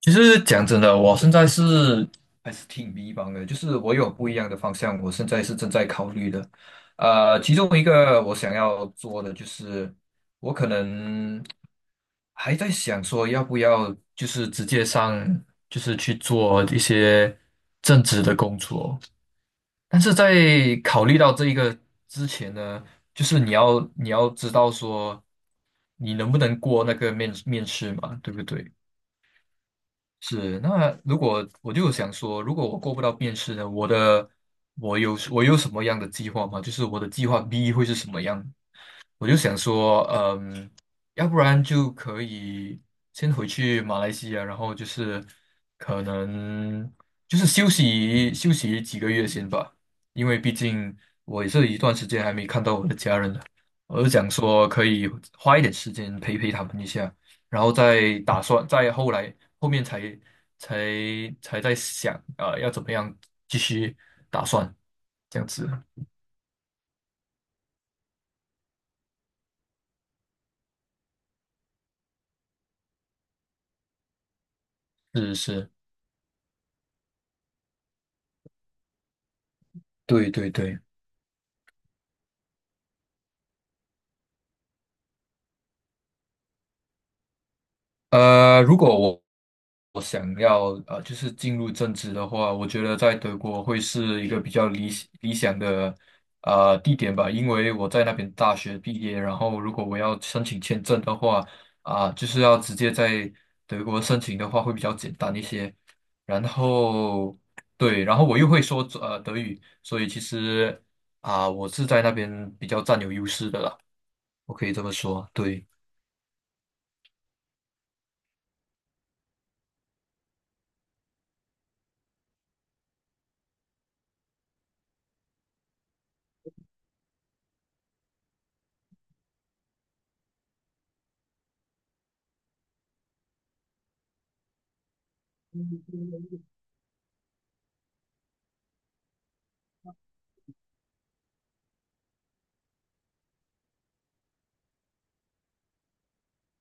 其实讲真的，我现在还是挺迷茫的，就是我有不一样的方向，我现在是正在考虑的。其中一个我想要做的就是，我可能还在想说要不要就是直接上，就是去做一些正职的工作。但是在考虑到这一个之前呢，就是你要知道说你能不能过那个面试嘛，对不对？是，那如果我就想说，如果我过不到面试呢，我有什么样的计划吗？就是我的计划 B 会是什么样？我就想说，要不然就可以先回去马来西亚，然后就是可能就是休息休息几个月先吧，因为毕竟我也是一段时间还没看到我的家人了，我就想说可以花一点时间陪陪他们一下，然后再打算，再后来后面才才在想啊，要怎么样继续打算这样子，是是，对对对。如果我想要就是进入政治的话，我觉得在德国会是一个比较理想的地点吧，因为我在那边大学毕业，然后如果我要申请签证的话，就是要直接在德国申请的话会比较简单一些。然后，对，然后我又会说德语，所以其实我是在那边比较占有优势的啦，我可以这么说，对。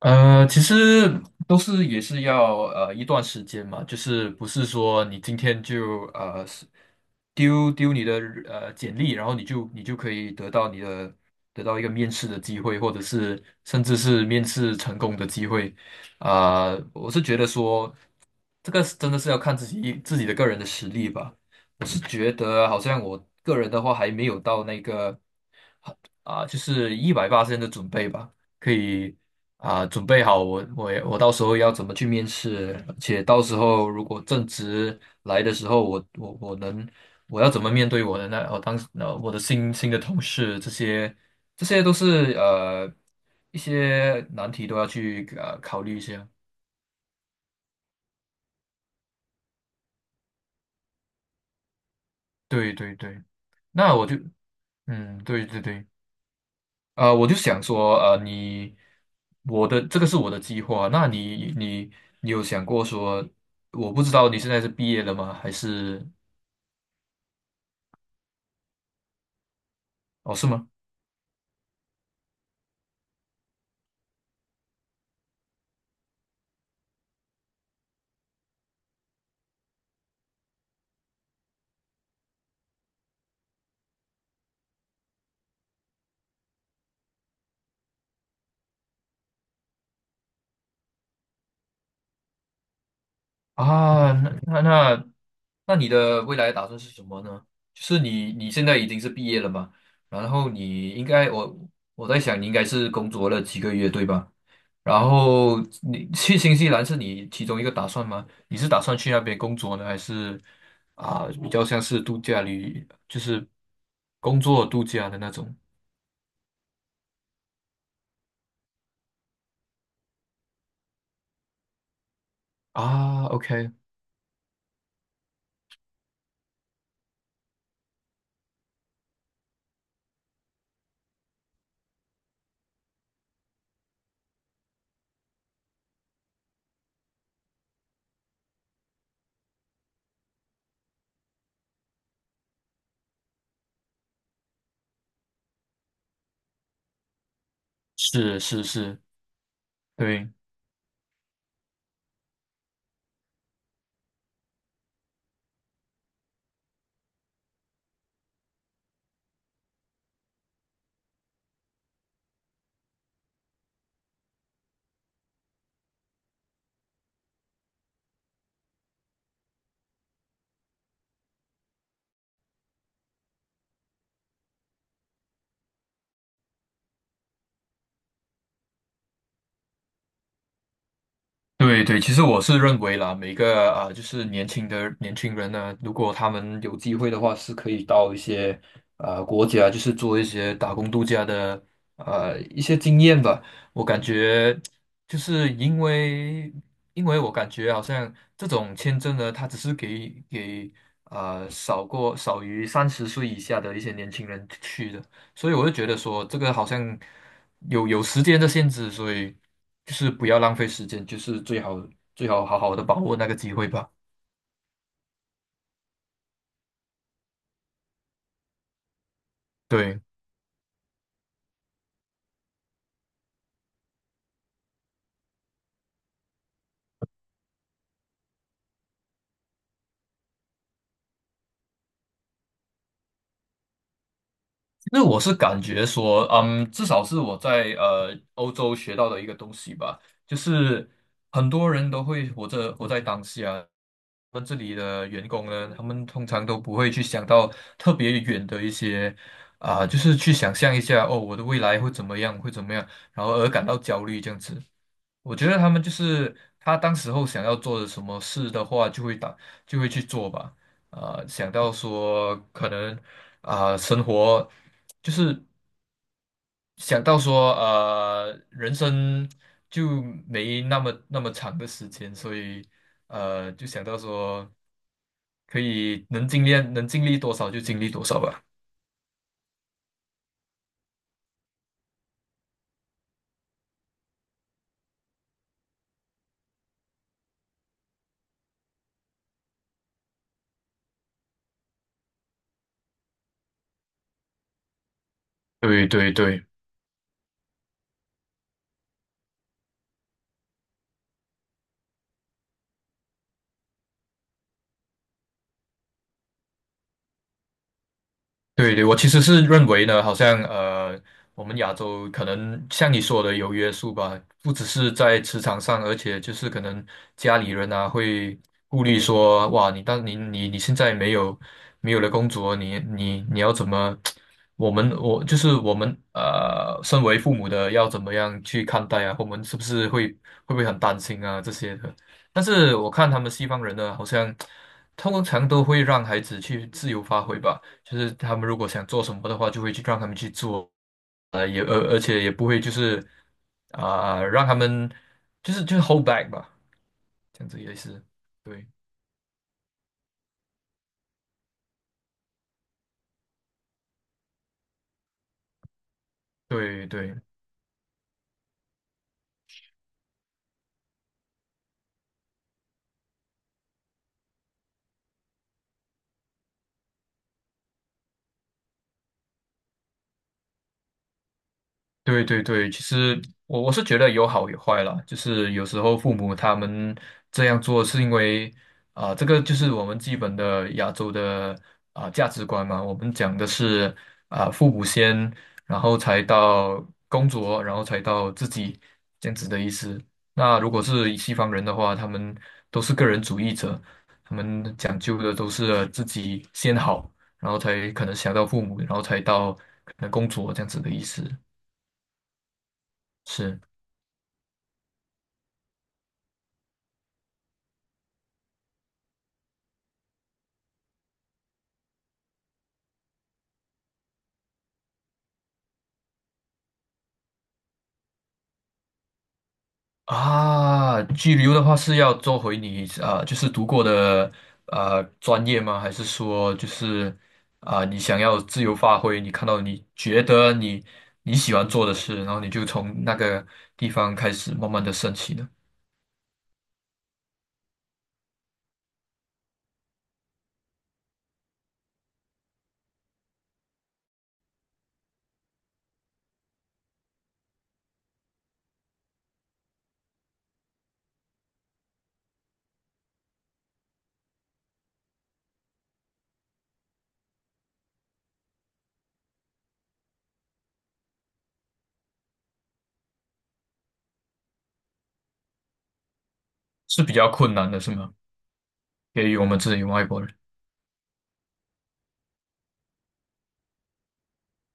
其实也是要一段时间嘛，就是不是说你今天就丢你的简历，然后你就可以得到一个面试的机会，或者是甚至是面试成功的机会。我是觉得说这个是真的是要看自己的个人的实力吧。我是觉得好像我个人的话还没有到那个。就是180的准备吧，可以准备好我到时候要怎么去面试，而且到时候如果正职来的时候，我要怎么面对我的那我当时呃我的新的同事，这些都是一些难题都要去考虑一下。对对对，那我就嗯对对对。我就想说，我的这个是我的计划。那你有想过说，我不知道你现在是毕业了吗？还是，哦，是吗？啊，那那那，那你的未来打算是什么呢？就是你现在已经是毕业了嘛？然后你应该，我在想，你应该是工作了几个月，对吧？然后你去新西兰是你其中一个打算吗？你是打算去那边工作呢，还是比较像是度假旅，就是工作度假的那种啊？OK，是是是，对。对对，其实我是认为啦，每个就是年轻人呢，如果他们有机会的话，是可以到一些国家，就是做一些打工度假的一些经验吧。我感觉就是因为我感觉好像这种签证呢，它只是给少于30岁以下的一些年轻人去的。所以我就觉得说，这个好像有时间的限制，所以就是不要浪费时间，就是最好好好的把握那个机会吧。对，那我是感觉说，至少是我在欧洲学到的一个东西吧，就是很多人都会活在当下。我们这里的员工呢，他们通常都不会去想到特别远的一些，就是去想象一下哦，我的未来会怎么样，会怎么样，然后而感到焦虑这样子。我觉得他们就是他当时候想要做的什么事的话，就会去做吧。想到说可能，生活就是想到说，人生就没那么长的时间，所以就想到说可以能尽量能尽力多少就尽力多少吧。对对对。对对，我其实是认为呢，好像，我们亚洲可能像你说的有约束吧，不只是在职场上，而且就是可能家里人啊会顾虑说，哇，你当你你你现在没有了工作，你要怎么？我们我就是我们，身为父母的要怎么样去看待啊？我们是不是会不会很担心啊这些的？但是我看他们西方人呢，好像通常都会让孩子去自由发挥吧。就是他们如果想做什么的话，就会去让他们去做，也而且也不会就是让他们就是 hold back 吧，这样子也是，对对对，对对对，其实我是觉得有好有坏啦，就是有时候父母他们这样做是因为，这个就是我们基本的亚洲的，价值观嘛，我们讲的是，父母先，然后才到工作，然后才到自己这样子的意思。那如果是西方人的话，他们都是个人主义者，他们讲究的都是自己先好，然后才可能想到父母，然后才到可能工作这样子的意思，是。拘留的话是要做回你，就是读过的，专业吗？还是说就是，你想要自由发挥？你看到你觉得你喜欢做的事，然后你就从那个地方开始慢慢的升起呢？是比较困难的，是吗？给予我们这里外国人。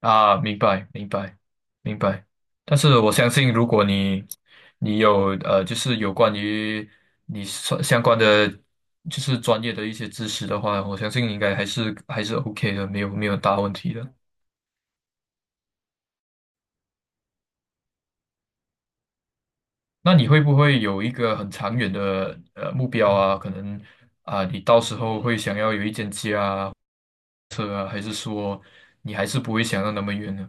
明白，明白，明白。但是我相信，如果你有，就是有关于你所相关的，就是专业的一些知识的话，我相信应该还是 OK 的，没有大问题的。那你会不会有一个很长远的目标啊？可能啊，你到时候会想要有一间家啊、车啊，还是说你还是不会想到那么远呢？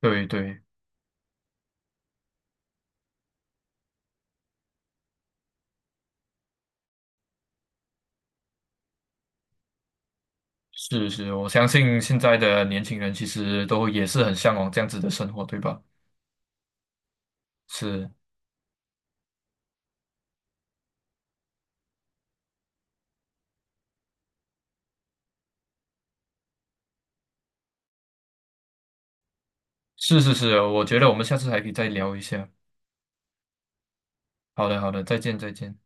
对对。是是，我相信现在的年轻人其实都也是很向往这样子的生活，对吧？是是是是，我觉得我们下次还可以再聊一下。好的好的，再见再见。